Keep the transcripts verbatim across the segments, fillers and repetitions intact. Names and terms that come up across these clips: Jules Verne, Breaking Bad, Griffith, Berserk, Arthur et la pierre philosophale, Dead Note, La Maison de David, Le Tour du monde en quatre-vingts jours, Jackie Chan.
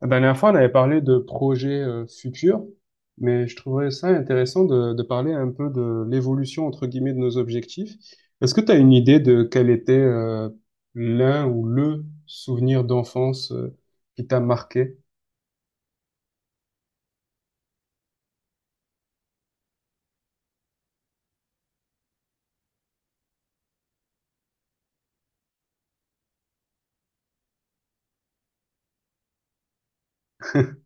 La dernière fois, on avait parlé de projets euh, futurs, mais je trouverais ça intéressant de, de parler un peu de l'évolution, entre guillemets, de nos objectifs. Est-ce que tu as une idée de quel était euh, l'un ou le souvenir d'enfance euh, qui t'a marqué?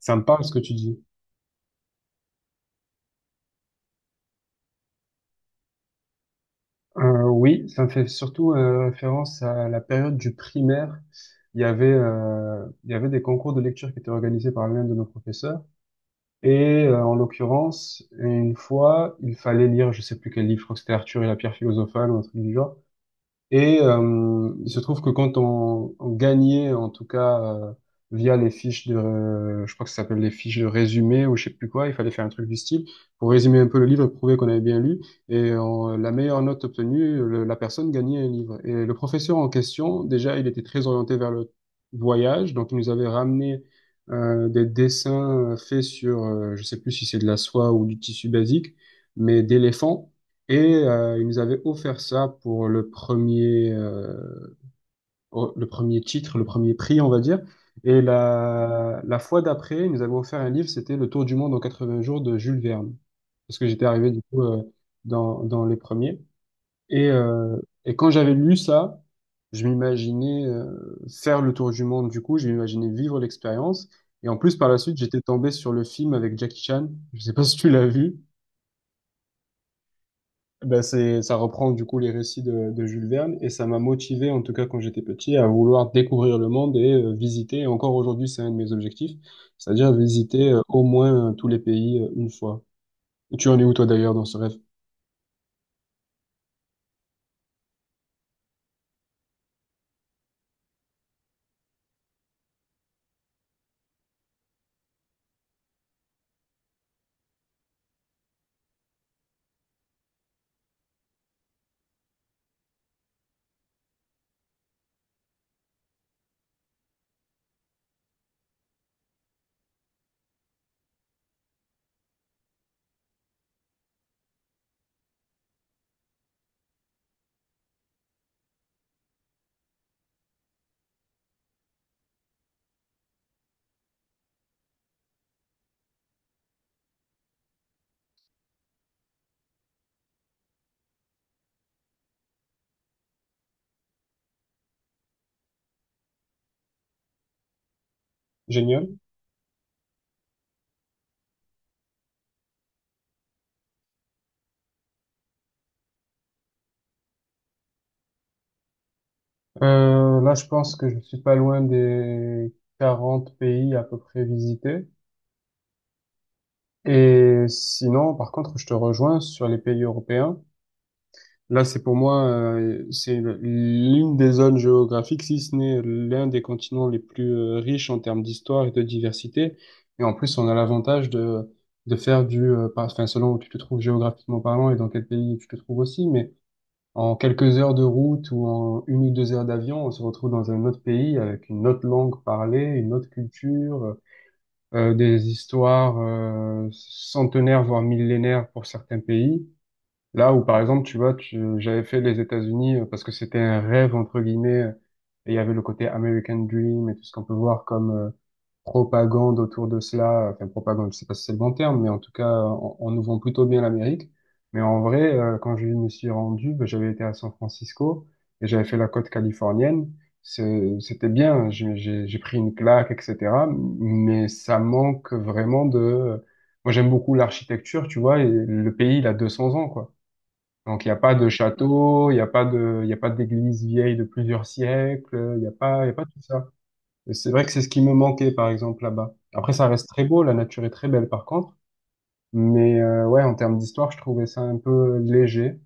Ça me parle ce que tu dis. Euh, oui, ça me fait surtout euh, référence à la période du primaire. Il y avait, euh, il y avait des concours de lecture qui étaient organisés par l'un de nos professeurs. Et euh, en l'occurrence, une fois, il fallait lire, je sais plus quel livre, je crois que c'était Arthur et la pierre philosophale ou un truc du genre. Et euh, il se trouve que quand on, on gagnait, en tout cas, euh, via les fiches de, euh, je crois que ça s'appelle les fiches de résumé ou je sais plus quoi, il fallait faire un truc du style pour résumer un peu le livre, prouver qu'on avait bien lu. Et on- la meilleure note obtenue, le- la personne gagnait un livre. Et le professeur en question, déjà, il était très orienté vers le voyage, donc il nous avait ramené euh, des dessins euh, faits sur, euh, je sais plus si c'est de la soie ou du tissu basique, mais d'éléphants. Et euh, il nous avait offert ça pour le premier, euh, oh, le premier titre, le premier prix, on va dire. Et la, la fois d'après, il nous avait offert un livre, c'était Le Tour du monde en quatre-vingts jours de Jules Verne. Parce que j'étais arrivé du coup euh, dans, dans les premiers. Et, euh, et quand j'avais lu ça, je m'imaginais euh, faire le tour du monde du coup, je m'imaginais vivre l'expérience. Et en plus, par la suite, j'étais tombé sur le film avec Jackie Chan. Je sais pas si tu l'as vu. Ben c'est, ça reprend du coup les récits de, de Jules Verne et ça m'a motivé, en tout cas quand j'étais petit, à vouloir découvrir le monde et euh, visiter. Et encore aujourd'hui, c'est un de mes objectifs, c'est-à-dire visiter euh, au moins euh, tous les pays euh, une fois. Tu en es où toi d'ailleurs dans ce rêve? Génial. Euh, là, je pense que je suis pas loin des quarante pays à peu près visités. Et sinon, par contre, je te rejoins sur les pays européens. Là, c'est pour moi, euh, c'est l'une des zones géographiques, si ce n'est l'un des continents les plus euh, riches en termes d'histoire et de diversité. Et en plus, on a l'avantage de, de faire du, euh, par- enfin, selon où tu te trouves géographiquement parlant et dans quel pays tu te trouves aussi, mais en quelques heures de route ou en une ou deux heures d'avion, on se retrouve dans un autre pays avec une autre langue parlée, une autre culture, euh, des histoires, euh, centenaires, voire millénaires pour certains pays. Là où, par exemple, tu vois, tu- j'avais fait les États-Unis euh, parce que c'était un rêve, entre guillemets, euh, et il y avait le côté American Dream et tout ce qu'on peut voir comme euh, propagande autour de cela. Enfin, propagande, je sais pas si c'est le bon terme, mais en tout cas, on, on nous vend plutôt bien l'Amérique. Mais en vrai, euh, quand je me suis rendu, ben, j'avais été à San Francisco et j'avais fait la côte californienne. C'est- C'était bien, hein, j'ai j'ai- j'ai pris une claque, et cetera. Mais ça manque vraiment de... euh, Moi, j'aime beaucoup l'architecture, tu vois, et le pays, il a deux cents ans, quoi. Donc, il n'y a pas de château, il n'y a pas de, il y a pas d'église vieille de plusieurs siècles, il n'y a pas, il y a pas tout ça. Et c'est vrai que c'est ce qui me manquait, par exemple, là-bas. Après, ça reste très beau, la nature est très belle, par contre. Mais euh, ouais, en termes d'histoire, je trouvais ça un peu léger.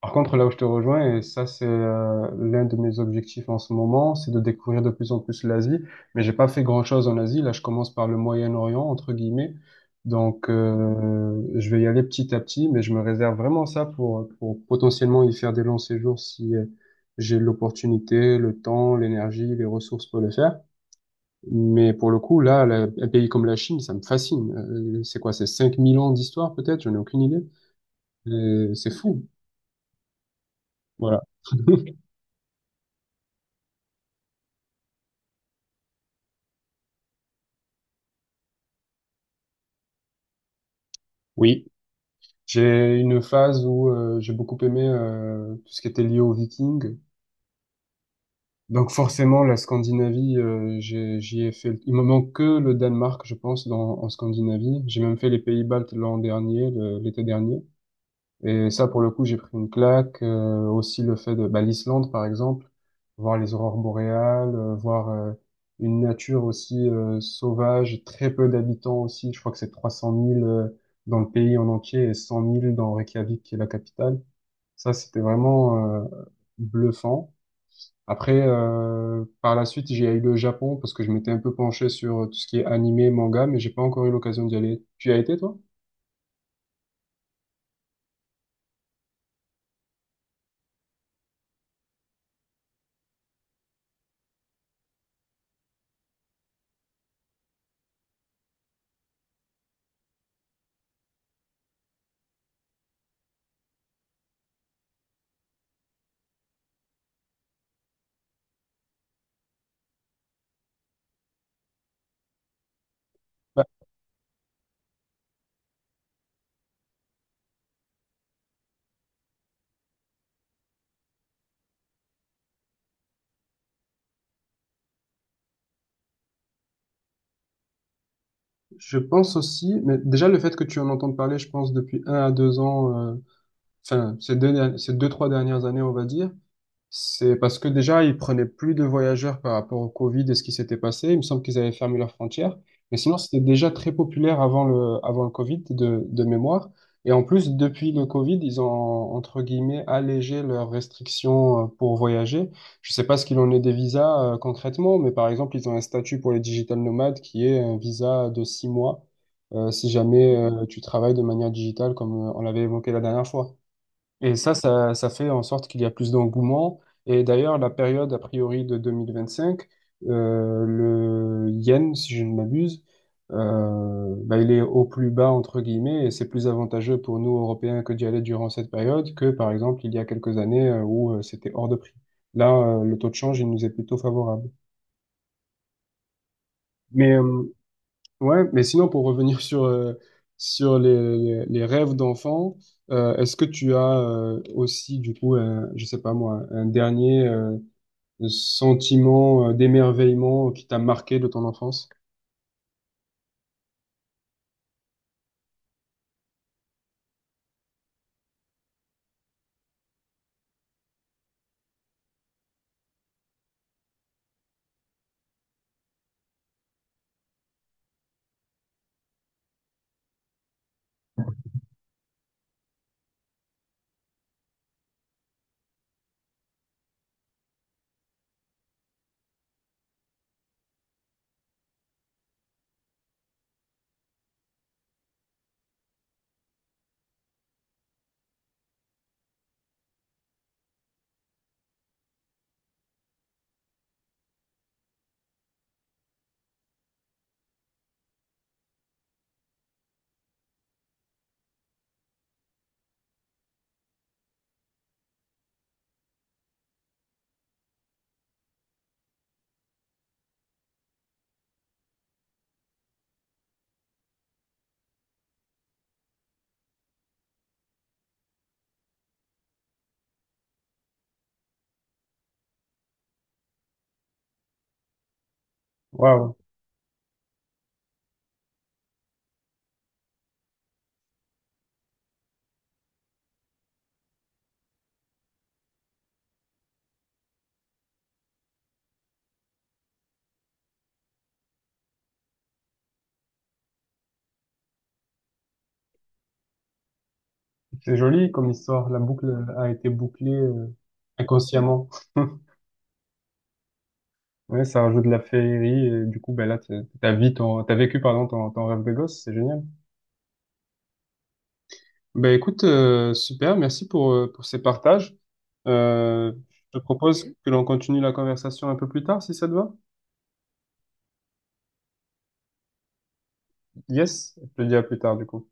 Par contre, là où je te rejoins, et ça c'est euh, l'un de mes objectifs en ce moment, c'est de découvrir de plus en plus l'Asie. Mais j'ai pas fait grand-chose en Asie. Là, je commence par le Moyen-Orient entre guillemets. Donc, euh, je vais y aller petit à petit, mais je me réserve vraiment ça pour pour potentiellement y faire des longs séjours si euh, j'ai l'opportunité, le temps, l'énergie, les ressources pour le faire. Mais pour le coup, là, la- un pays comme la Chine, ça me fascine. Euh, c'est quoi? C'est cinq mille ans d'histoire peut-être? J'en ai aucune idée. Euh, c'est fou. Voilà. Oui. J'ai une phase où euh, j'ai beaucoup aimé euh, tout ce qui était lié aux Vikings. Donc forcément, la Scandinavie, euh, j'ai- j'y ai fait. Il me manque que le Danemark, je pense, dans, en Scandinavie. J'ai même fait les Pays-Baltes l'an dernier, le- l'été dernier. Et ça, pour le coup, j'ai pris une claque. Euh, aussi le fait de bah, l'Islande, par exemple, voir les aurores boréales, euh, voir euh, une nature aussi euh, sauvage, très peu d'habitants aussi. Je crois que c'est trois cent mille euh, dans le pays en entier et cent mille dans Reykjavik, qui est la capitale. Ça, c'était vraiment euh, bluffant. Après, euh, par la suite, j'ai eu le Japon parce que je m'étais un peu penché sur euh, tout ce qui est animé, manga, mais j'ai pas encore eu l'occasion d'y aller. Tu y as été, toi? Bah, je pense aussi, mais déjà le fait que tu en entends parler, je pense depuis un à deux ans, euh, enfin ces deux, derni- ces deux trois dernières années, on va dire, c'est parce que déjà, ils prenaient plus de voyageurs par rapport au Covid et ce qui s'était passé. Il me semble qu'ils avaient fermé leurs frontières. Mais sinon, c'était déjà très populaire avant le, avant le Covid de, de mémoire. Et en plus, depuis le Covid, ils ont, entre guillemets, allégé leurs restrictions euh, pour voyager. Je sais pas ce qu'il en est des visas euh, concrètement, mais par exemple, ils ont un statut pour les digital nomades qui est un visa de six mois euh, si jamais euh, tu travailles de manière digitale comme euh, on l'avait évoqué la dernière fois. Et ça, ça, ça fait en sorte qu'il y a plus d'engouement. Et d'ailleurs, la période, a priori, de deux mille vingt-cinq, euh, le yen, si je ne m'abuse, euh, bah, il est au plus bas, entre guillemets, et c'est plus avantageux pour nous, Européens, que d'y aller durant cette période que, par exemple, il y a quelques années euh, où euh, c'était hors de prix. Là, euh, le taux de change, il nous est plutôt favorable. Mais euh, ouais, mais sinon, pour revenir sur, euh, sur les, les- les rêves d'enfant, euh, est-ce que tu as euh, aussi, du coup, un, je sais pas moi, un dernier euh, sentiment euh, d'émerveillement qui t'a marqué de ton enfance? Waouh, c'est joli comme histoire. La boucle a été bouclée euh, inconsciemment. Ouais, ça rajoute de la féerie. Et du coup, ben là, t'as t'as vu ton, t'as vécu, pardon, ton, ton rêve de gosse. C'est génial. Ben écoute, euh, super, merci pour, euh, pour ces partages. Euh, je te propose que l'on continue la conversation un peu plus tard, si ça te va. Yes, je te dis à plus tard du coup.